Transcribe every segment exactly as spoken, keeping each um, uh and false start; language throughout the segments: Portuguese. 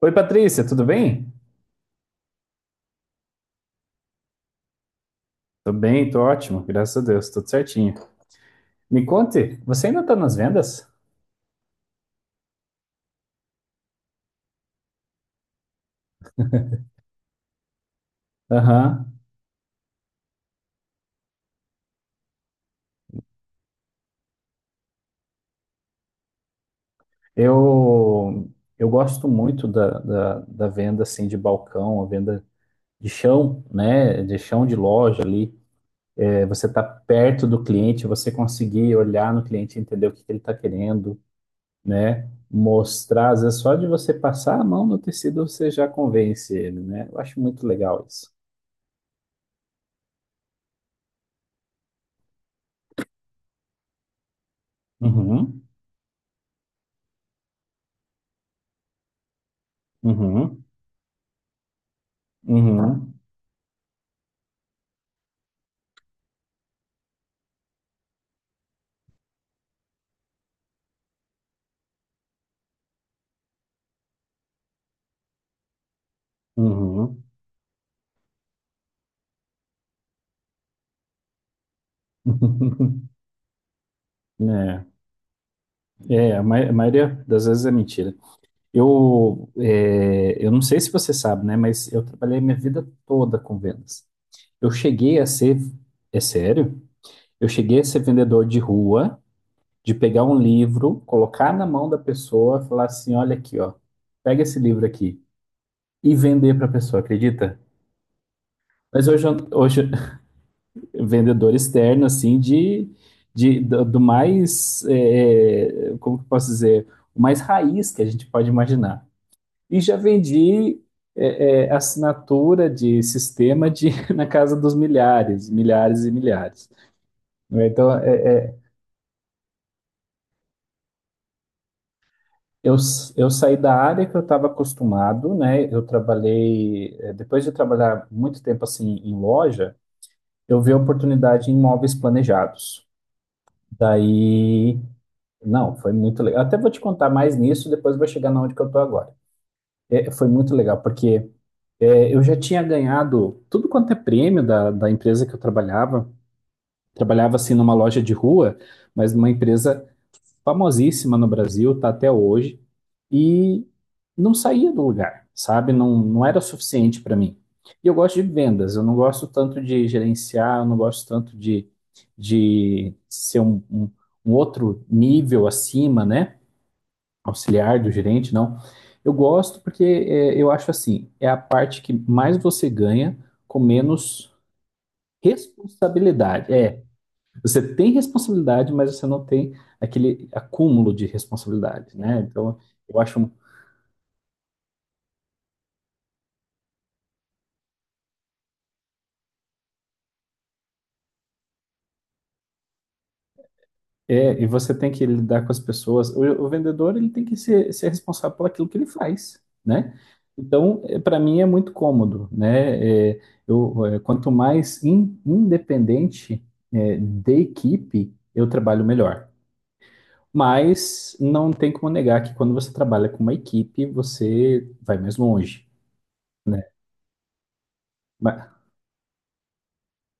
Oi, Patrícia, tudo bem? Tô bem, tô ótimo, graças a Deus, tudo certinho. Me conte, você ainda tá nas vendas? Aham. Eu, eu gosto muito da, da, da venda assim de balcão, a venda de chão, né? De chão de loja ali. É, você tá perto do cliente, você conseguir olhar no cliente, entender o que que ele tá querendo, né? Mostrar, às vezes só de você passar a mão no tecido, você já convence ele, né? Eu acho muito legal isso. Uhum, uhum, uhum. Uhum. É, é, a mai- a maioria das vezes é mentira. Eu, é, eu não sei se você sabe, né? Mas eu trabalhei minha vida toda com vendas. Eu cheguei a ser, é sério? Eu cheguei a ser vendedor de rua, de pegar um livro, colocar na mão da pessoa, falar assim, olha aqui, ó, pega esse livro aqui e vender para a pessoa, acredita? Mas hoje, eu- hoje, vendedor externo, assim, de, de do, do mais, é, é, como que eu posso dizer, o mais raiz que a gente pode imaginar. E já vendi é, é, assinatura de sistema de, na casa dos milhares, milhares e milhares, né? Então, é, é, eu, eu saí da área que eu estava acostumado, né? Eu trabalhei, é, depois de trabalhar muito tempo assim em loja, eu vi a oportunidade em imóveis planejados. Daí Não, foi muito legal. Até vou te contar mais nisso, depois vou chegar na onde que eu tô agora. É, foi muito legal, porque é, eu já tinha ganhado tudo quanto é prêmio da, da empresa que eu trabalhava. Trabalhava assim numa loja de rua, mas numa empresa famosíssima no Brasil, tá até hoje, e não saía do lugar, sabe? Não, não era suficiente para mim. E eu gosto de vendas, eu não gosto tanto de gerenciar, eu não gosto tanto de, de ser um, um um outro nível acima, né? Auxiliar do gerente, não. Eu gosto porque é, eu acho assim, é a parte que mais você ganha com menos responsabilidade. É, você tem responsabilidade, mas você não tem aquele acúmulo de responsabilidade, né? Então, eu acho. É, e você tem que lidar com as pessoas. O, o vendedor ele tem que ser, ser responsável por aquilo que ele faz, né? Então, para mim é muito cômodo, né? É, eu, é, quanto mais in- independente é, da equipe eu trabalho melhor. Mas não tem como negar que quando você trabalha com uma equipe você vai mais longe, né?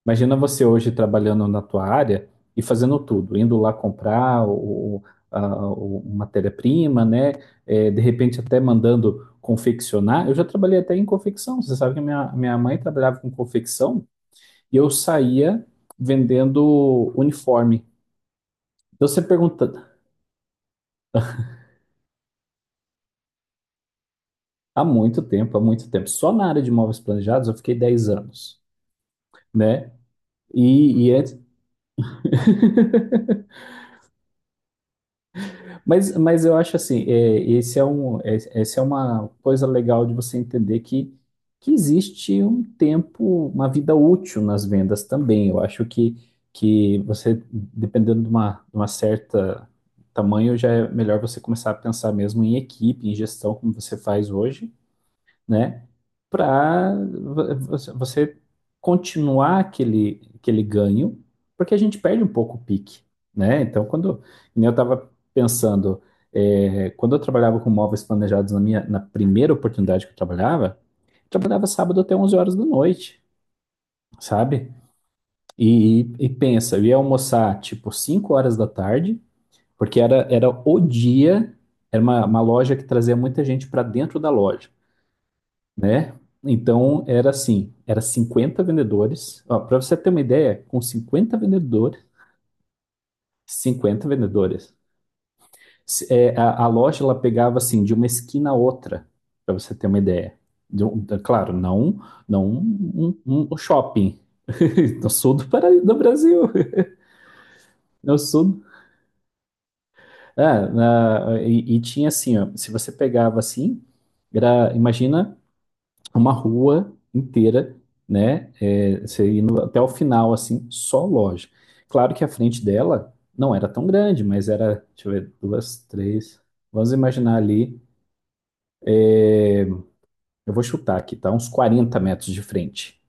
Imagina você hoje trabalhando na tua área e fazendo tudo, indo lá comprar o, o- a- o- matéria-prima, né? É, de repente até mandando confeccionar. Eu já trabalhei até em confecção. Você sabe que minha, minha mãe trabalhava com confecção e eu saía vendendo uniforme. Então você pergunta, há muito tempo, há muito tempo. Só na área de móveis planejados eu fiquei dez anos, né? E, e antes. Mas, mas eu acho assim, é, esse é um, é, essa é uma coisa legal de você entender que, que existe um tempo, uma vida útil nas vendas também. Eu acho que, que você, dependendo de uma, de uma certa tamanho, já é melhor você começar a pensar mesmo em equipe, em gestão, como você faz hoje, né? Para você continuar aquele, aquele ganho, porque a gente perde um pouco o pique, né? Então, quando que nem eu estava pensando, é, quando eu trabalhava com móveis planejados na minha, na primeira oportunidade que eu trabalhava, eu trabalhava sábado até onze horas da noite, sabe? E, e pensa, eu ia almoçar tipo cinco horas da tarde, porque era, era o dia, era uma, uma loja que trazia muita gente para dentro da loja, né? Então era assim, era cinquenta vendedores. Para você ter uma ideia, com cinquenta vendedores, cinquenta vendedores, se- é, a, a loja ela pegava assim de uma esquina a outra, para você ter uma ideia. De um- da- claro, não, não um, um- um shopping. No sul do, Para- do Brasil, no sul. É, na- e, e tinha assim, ó, se você pegava assim, era, imagina uma rua inteira, né? É, você indo até o final, assim, só loja. Claro que a frente dela não era tão grande, mas era, deixa eu ver, duas, três. Vamos imaginar ali, eu vou chutar aqui, tá? Uns quarenta metros de frente.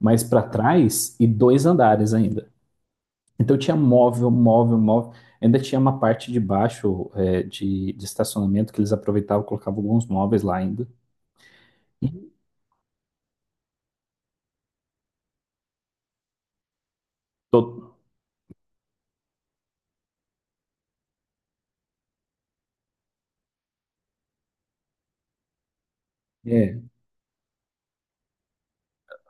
Mas para trás e dois andares ainda. Então tinha móvel, móvel, móvel. Ainda tinha uma parte de baixo, é, de, de estacionamento que eles aproveitavam, colocavam alguns móveis lá ainda. E to- é,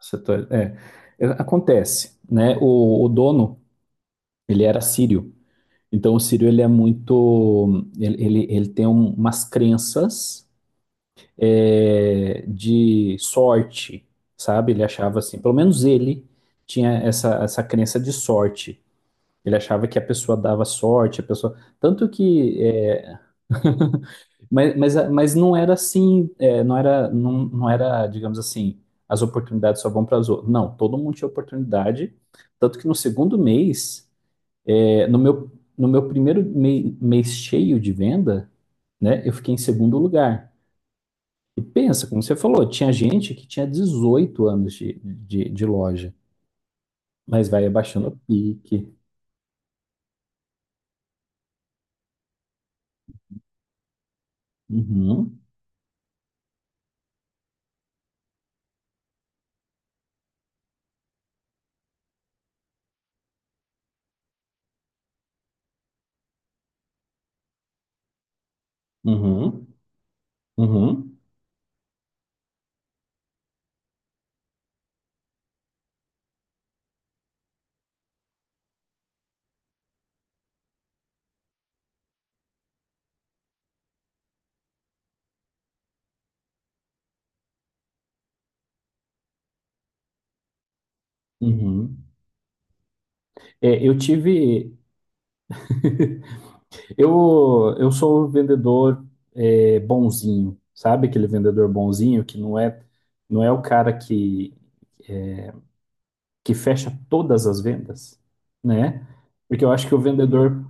Setores, é. É, acontece, né? O, o dono, ele era sírio. Então, o sírio, ele é muito... Ele, ele, ele tem um- umas crenças, é, de sorte, sabe? Ele achava assim, pelo menos ele tinha essa, essa crença de sorte. Ele achava que a pessoa dava sorte, a pessoa... Tanto que é. Mas, mas, mas não era assim, é, não era, não, não era, digamos assim, as oportunidades só vão para as outras. Não, todo mundo tinha oportunidade. Tanto que no segundo mês, é, no meu, no meu primeiro mei- mês cheio de venda, né, eu fiquei em segundo lugar. E pensa, como você falou, tinha gente que tinha dezoito anos de, de, de loja, mas vai abaixando o pique. Uhum, uhum, uhum, uhum. É, eu tive, Eu, eu sou o vendedor, é, bonzinho, sabe? Aquele vendedor bonzinho que não é, não é o cara que, que fecha todas as vendas, né? Porque eu acho que o vendedor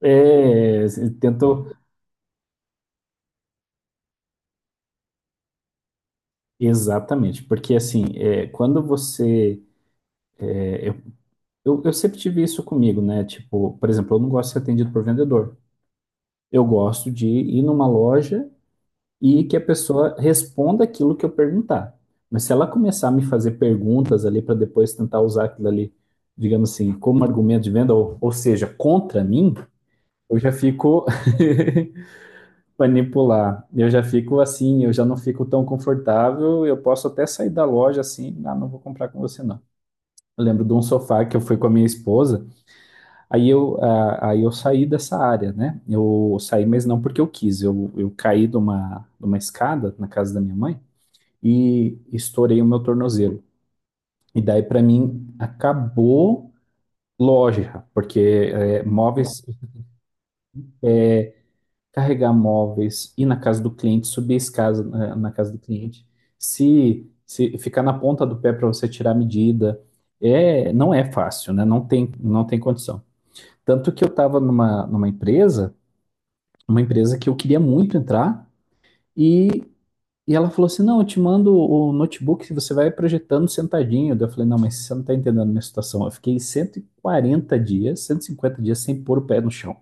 é, tentou. Exatamente, porque assim, é, quando você. é, eu, eu, eu sempre tive isso comigo, né? Tipo, por exemplo, eu não gosto de ser atendido por vendedor. Eu gosto de ir numa loja e que a pessoa responda aquilo que eu perguntar. Mas se ela começar a me fazer perguntas ali para depois tentar usar aquilo ali, digamos assim, como argumento de venda, ou, ou seja, contra mim, eu já fico manipular. Eu já fico assim, eu já não fico tão confortável, eu posso até sair da loja assim, ah, não vou comprar com você não. Eu lembro de um sofá que eu fui com a minha esposa, aí eu, ah, aí eu saí dessa área, né? Eu saí, mas não porque eu quis, eu, eu caí de uma, de uma escada na casa da minha mãe, e estourei o meu tornozelo. E daí, para mim, acabou loja, porque é, móveis, carregar móveis, ir na casa do cliente, subir a escada na, na casa do cliente, se, se ficar na ponta do pé para você tirar a medida, é, não é fácil, né? Não tem, não tem condição. Tanto que eu estava numa, numa empresa, uma empresa que eu queria muito entrar, e e ela falou assim: não, eu te mando o notebook, que você vai projetando sentadinho. Daí eu falei: não, mas você não está entendendo a minha situação. Eu fiquei cento e quarenta dias, cento e cinquenta dias sem pôr o pé no chão.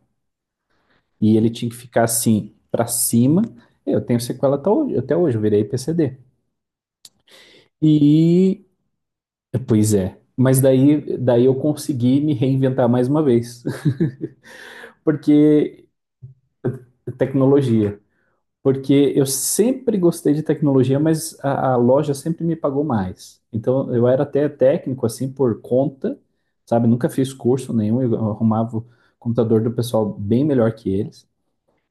E ele tinha que ficar assim, para cima. Eu tenho sequela até hoje, até hoje, eu virei P C D. E, Pois é. Mas daí, daí eu consegui me reinventar mais uma vez, porque tecnologia. Porque eu sempre gostei de tecnologia, mas a, a loja sempre me pagou mais. Então eu era até técnico assim por conta, sabe? Nunca fiz curso nenhum, eu arrumava o computador do pessoal bem melhor que eles.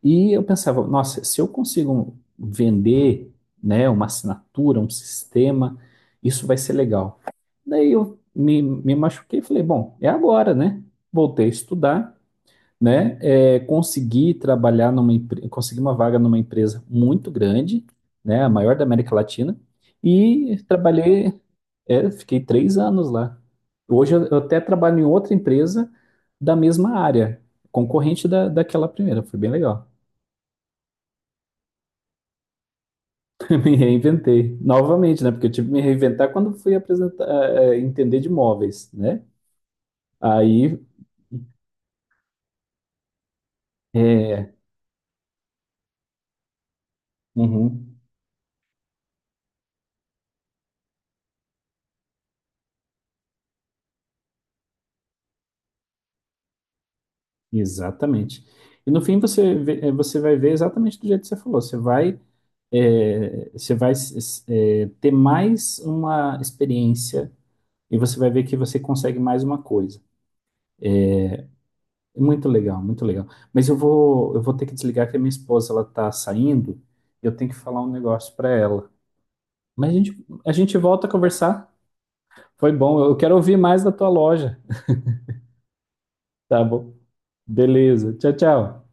E eu pensava, nossa, se eu consigo vender, né, uma assinatura, um sistema, isso vai ser legal. Daí eu me, me machuquei e falei, bom, é agora, né? Voltei a estudar, né? É, conseguir trabalhar numa empre- conseguir uma vaga numa empresa muito grande, né? A maior da América Latina. E trabalhei, é, fiquei três anos lá. Hoje eu eu até trabalho em outra empresa da mesma área, concorrente da, daquela primeira. Foi bem legal. Me reinventei novamente, né? Porque eu tive que me reinventar quando fui apresentar, eh, entender de imóveis, né? Aí, é, uhum. Exatamente. E no fim você, vê- eh, você vai ver exatamente do jeito que você falou. Você vai, eh, você vai, s- eh, ter mais uma experiência e você vai ver que você consegue mais uma coisa. É, muito legal, muito legal. Mas eu vou, eu vou ter que desligar que a minha esposa ela tá saindo e eu tenho que falar um negócio para ela. Mas a gente, a gente volta a conversar. Foi bom. Eu quero ouvir mais da tua loja. Tá bom. Beleza. Tchau, tchau.